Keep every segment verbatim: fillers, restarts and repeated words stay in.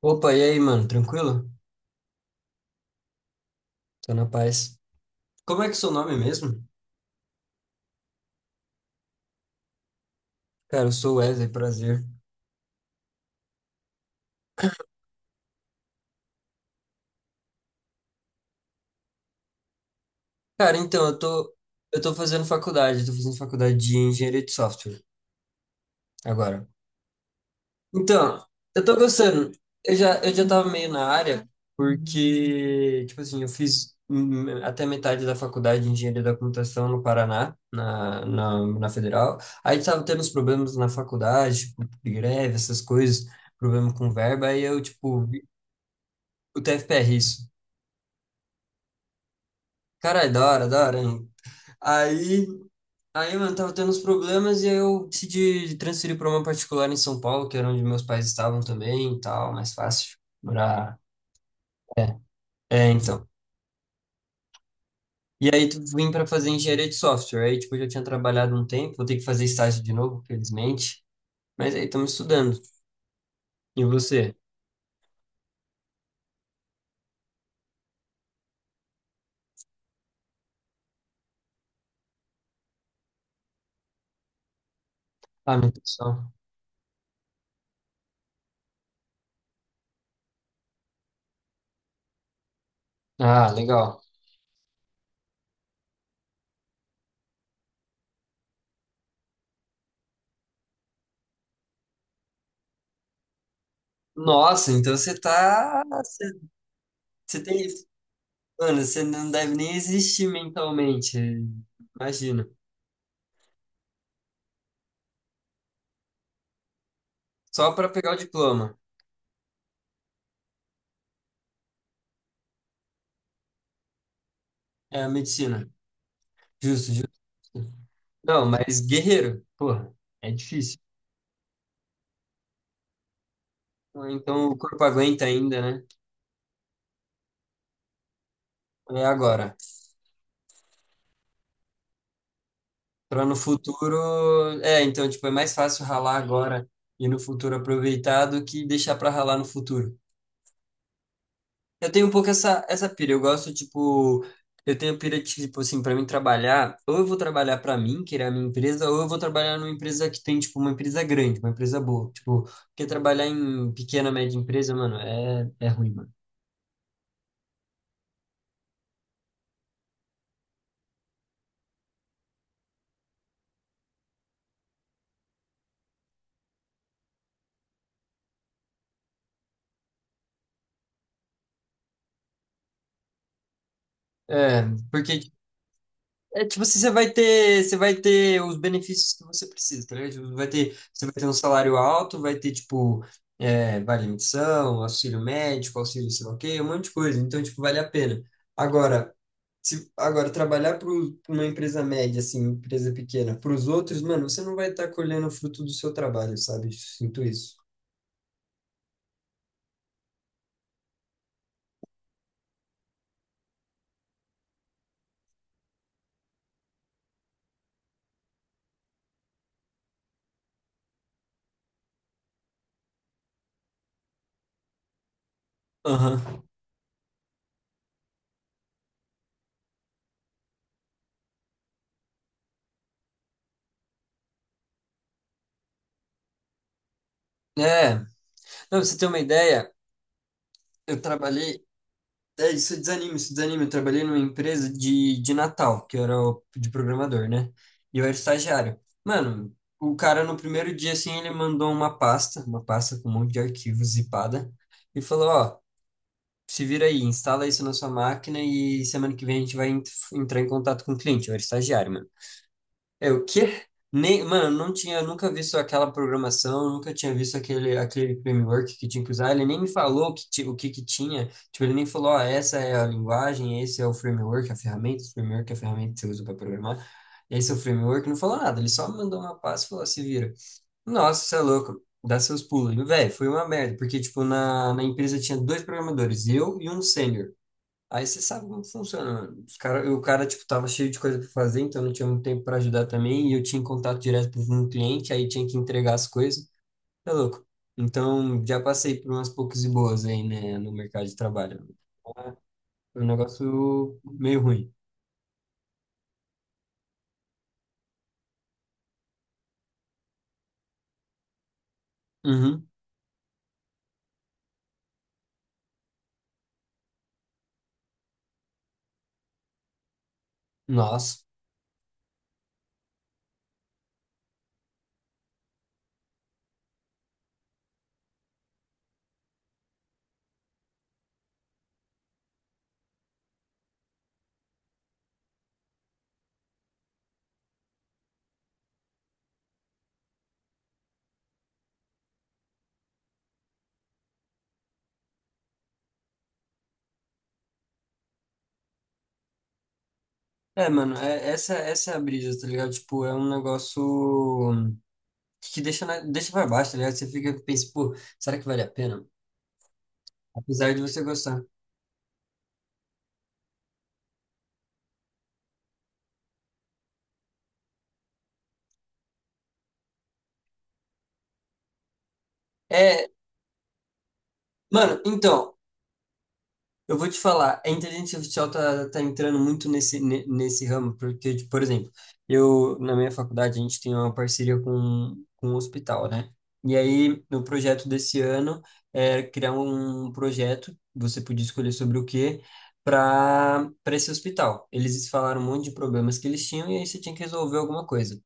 Opa, e aí, mano? Tranquilo? Tô na paz. Como é que é o seu nome mesmo? Cara, eu sou Wesley, prazer. Cara, então, eu tô, eu tô fazendo faculdade, tô fazendo faculdade de engenharia de software agora. Então, eu tô gostando. Eu já, eu já tava meio na área, porque, tipo assim, eu fiz hum, até metade da faculdade de engenharia da computação no Paraná, na, na, na Federal. Aí tava tendo uns problemas na faculdade, tipo, greve, essas coisas, problema com verba, aí eu, tipo, vi- o T F P R, isso. Caralho, da hora, da hora, hein? Aí, aí, mano, tava tendo uns problemas e aí eu decidi transferir pra uma particular em São Paulo, que era onde meus pais estavam também e tal, mais fácil. Morar. É, é, então. E aí tu vim pra fazer engenharia de software. Aí, tipo, eu já tinha trabalhado um tempo, vou ter que fazer estágio de novo, felizmente. Mas aí estamos estudando. E você? Ah, nutrição. Ah, legal. Nossa, então você tá. Você você tem. Mano, você não deve nem existir mentalmente. Imagina. Só para pegar o diploma. É, medicina. Justo, justo. Não, mas guerreiro, porra, é difícil. Então o corpo aguenta ainda, né? É agora. Para no futuro, é, então tipo é mais fácil ralar agora e no futuro aproveitar do que deixar para ralar no futuro. Eu tenho um pouco essa, essa pira. Eu gosto, tipo, eu tenho pira, tipo, assim, pra mim trabalhar, ou eu vou trabalhar pra mim, que é a minha empresa, ou eu vou trabalhar numa empresa que tem, tipo, uma empresa grande, uma empresa boa. Tipo, porque trabalhar em pequena, média empresa, mano, é, é ruim, mano. É, porque, é, tipo, assim, você vai ter, você vai ter os benefícios que você precisa, tá ligado? Tipo, vai ter, você vai ter um salário alto, vai ter, tipo, é, vale menção, auxílio médico, auxílio sei lá o quê, um monte de coisa. Então, tipo, vale a pena. Agora, Se, agora, trabalhar para uma empresa média, assim, empresa pequena, para os outros, mano, você não vai estar colhendo o fruto do seu trabalho, sabe? Sinto isso. Aham. É, não, pra você ter uma ideia, eu trabalhei. É, isso desanima, isso desanima. Eu trabalhei numa empresa de, de, Natal, que eu era o- de programador, né? E eu era estagiário. Mano, o cara no primeiro dia, assim, ele mandou uma pasta, uma pasta com um monte de arquivos zipada, e falou: Ó, se vira aí, instala isso na sua máquina e semana que vem a gente vai ent- entrar em contato com o cliente, eu era estagiário, mano. É o quê? Nem, mano, não tinha, nunca visto aquela programação, nunca tinha visto aquele, aquele framework que tinha que usar, ele nem me falou que, ti- o que que tinha, tipo, ele nem falou, ó, essa é a linguagem, esse é o framework, a ferramenta, o framework é a ferramenta que você usa para programar, esse é o framework, não falou nada, ele só mandou uma pasta e falou, se vira. Nossa, você é louco dá seus pulos. Velho, foi uma merda, porque, tipo, na, na empresa tinha dois programadores, eu e um sênior. Aí você sabe como funciona. Os cara, o cara, tipo, tava cheio de coisa pra fazer, então não tinha muito tempo pra ajudar também. E eu tinha contato direto com o cliente, aí tinha que entregar as coisas. É louco. Então, já passei por umas poucas e boas aí, né, no mercado de trabalho. Foi um negócio meio ruim. Uhum. Nossa. É, mano, é- essa, essa é a brisa, tá ligado? Tipo, é um negócio que deixa, na- deixa pra baixo, tá ligado? Você fica, pensa, pô, será que vale a pena? Apesar de você gostar. É, mano, então. Eu vou te falar, a inteligência artificial tá, tá entrando muito nesse, ne- nesse ramo, porque, tipo, por exemplo, eu, na minha faculdade, a gente tem uma parceria com, com um hospital, né? E aí, no projeto desse ano, é criar um projeto, você podia escolher sobre o quê, para para esse hospital. Eles falaram um monte de problemas que eles tinham e aí você tinha que resolver alguma coisa.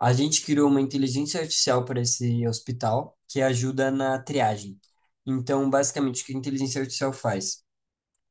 A gente criou uma inteligência artificial para esse hospital que ajuda na triagem. Então, basicamente, o que a inteligência artificial faz?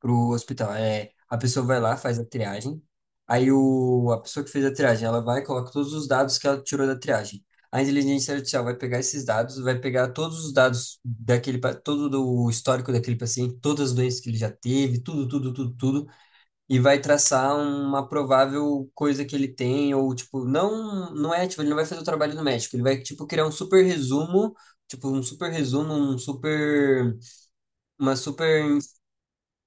Pro hospital. É, a pessoa vai lá, faz a triagem. Aí o, a pessoa que fez a triagem, ela vai e coloca todos os dados que ela tirou da triagem. A inteligência artificial vai pegar esses dados, vai pegar todos os dados daquele, pa- todo do histórico daquele paciente, todas as doenças que ele já teve, tudo, tudo, tudo, tudo, e vai traçar uma provável coisa que ele tem, ou tipo, não, não é, tipo, ele não vai fazer o trabalho do médico, ele vai, tipo, criar um super resumo, tipo, um super resumo, um super uma super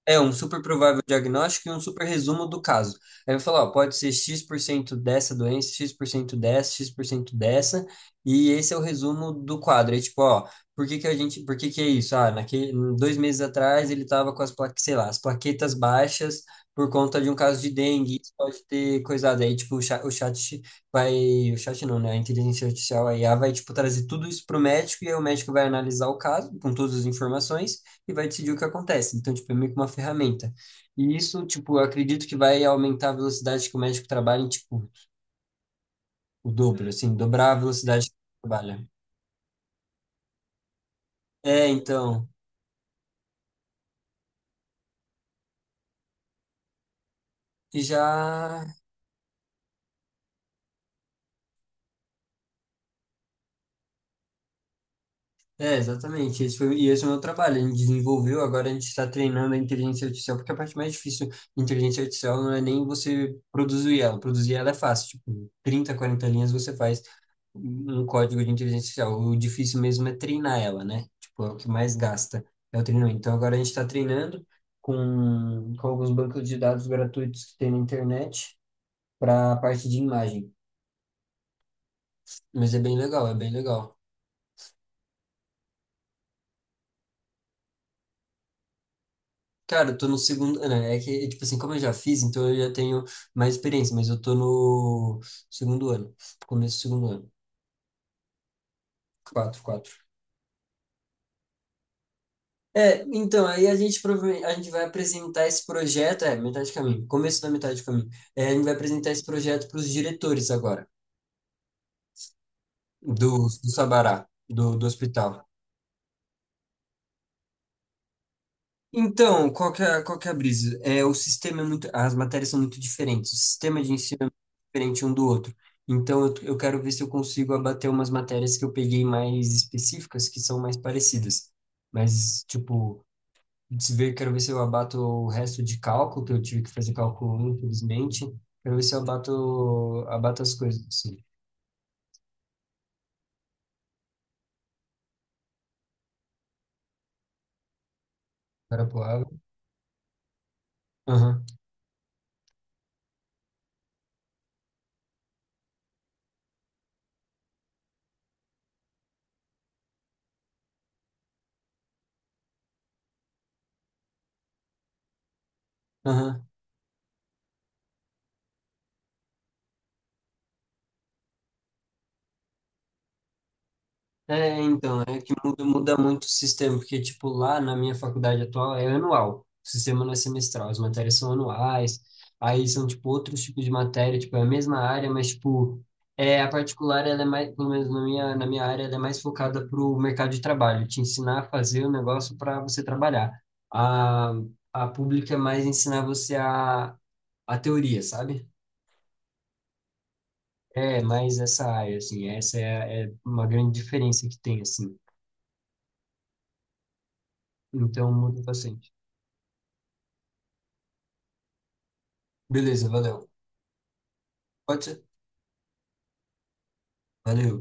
é um super provável diagnóstico e um super resumo do caso. Aí eu falo, ó, pode ser X% dessa doença, X% dessa, X% dessa, e esse é o resumo do quadro. Aí, tipo, ó, por que que a gente, por que que é isso? Ah, naquele, dois meses atrás ele tava com as plaquetas, sei lá, as plaquetas baixas por conta de um caso de dengue, isso pode ter coisado. Aí, tipo, o chat, o chat vai, o chat não, né? A inteligência artificial, a I A, vai, tipo, trazer tudo isso pro médico e aí o médico vai analisar o caso com todas as informações e vai decidir o que acontece. Então, tipo, é meio que uma ferramenta. E isso, tipo, eu acredito que vai aumentar a velocidade que o médico trabalha em, tipo, o dobro, assim, dobrar a velocidade que ele trabalha. É, então, e já. É, exatamente. Esse foi, e esse é o meu trabalho. A gente desenvolveu, agora a gente está treinando a inteligência artificial, porque a parte mais difícil da inteligência artificial não é nem você produzir ela. Produzir ela é fácil, tipo, trinta, quarenta linhas você faz um código de inteligência artificial. O difícil mesmo é treinar ela, né? Tipo, é o que mais gasta, é o treinamento. Então agora a gente está treinando com, com alguns bancos de dados gratuitos que tem na internet para a parte de imagem. Mas é bem legal, é bem legal. Cara, eu tô no segundo, né? É que, é, tipo assim, como eu já fiz, então eu já tenho mais experiência, mas eu tô no segundo ano, começo do segundo ano. Quatro, quatro. É, então, aí a gente provavelmente a gente vai apresentar esse projeto, é, metade de caminho, começo da metade de caminho. É, a gente vai apresentar esse projeto para os diretores agora, do, do Sabará, do, do hospital. Então, qual que é, qual que é a brisa? É, o sistema é muito, as matérias são muito diferentes, o sistema de ensino é muito diferente um do outro. Então, eu, eu quero ver se eu consigo abater umas matérias que eu peguei mais específicas, que são mais parecidas. Mas, tipo, se ver, quero ver se eu abato o resto de cálculo, que eu tive que fazer cálculo um, infelizmente. Quero ver se eu abato, abato as coisas, sim. Era a palavra. Aham, aham. É, então, é que muda, muda muito o sistema, porque, tipo, lá na minha faculdade atual é anual, o sistema não é semestral, as matérias são anuais, aí são, tipo, outros tipos de matéria, tipo, é a mesma área, mas, tipo, é, a particular, ela é mais, pelo menos na minha, na minha área, ela é mais focada pro mercado de trabalho, te ensinar a fazer o negócio para você trabalhar. A, a pública é mais ensinar você a, a teoria, sabe? É, mais essa área, assim, essa é, a- é uma grande diferença que tem, assim, então muda bastante. Beleza, valeu. Pode ser? Valeu.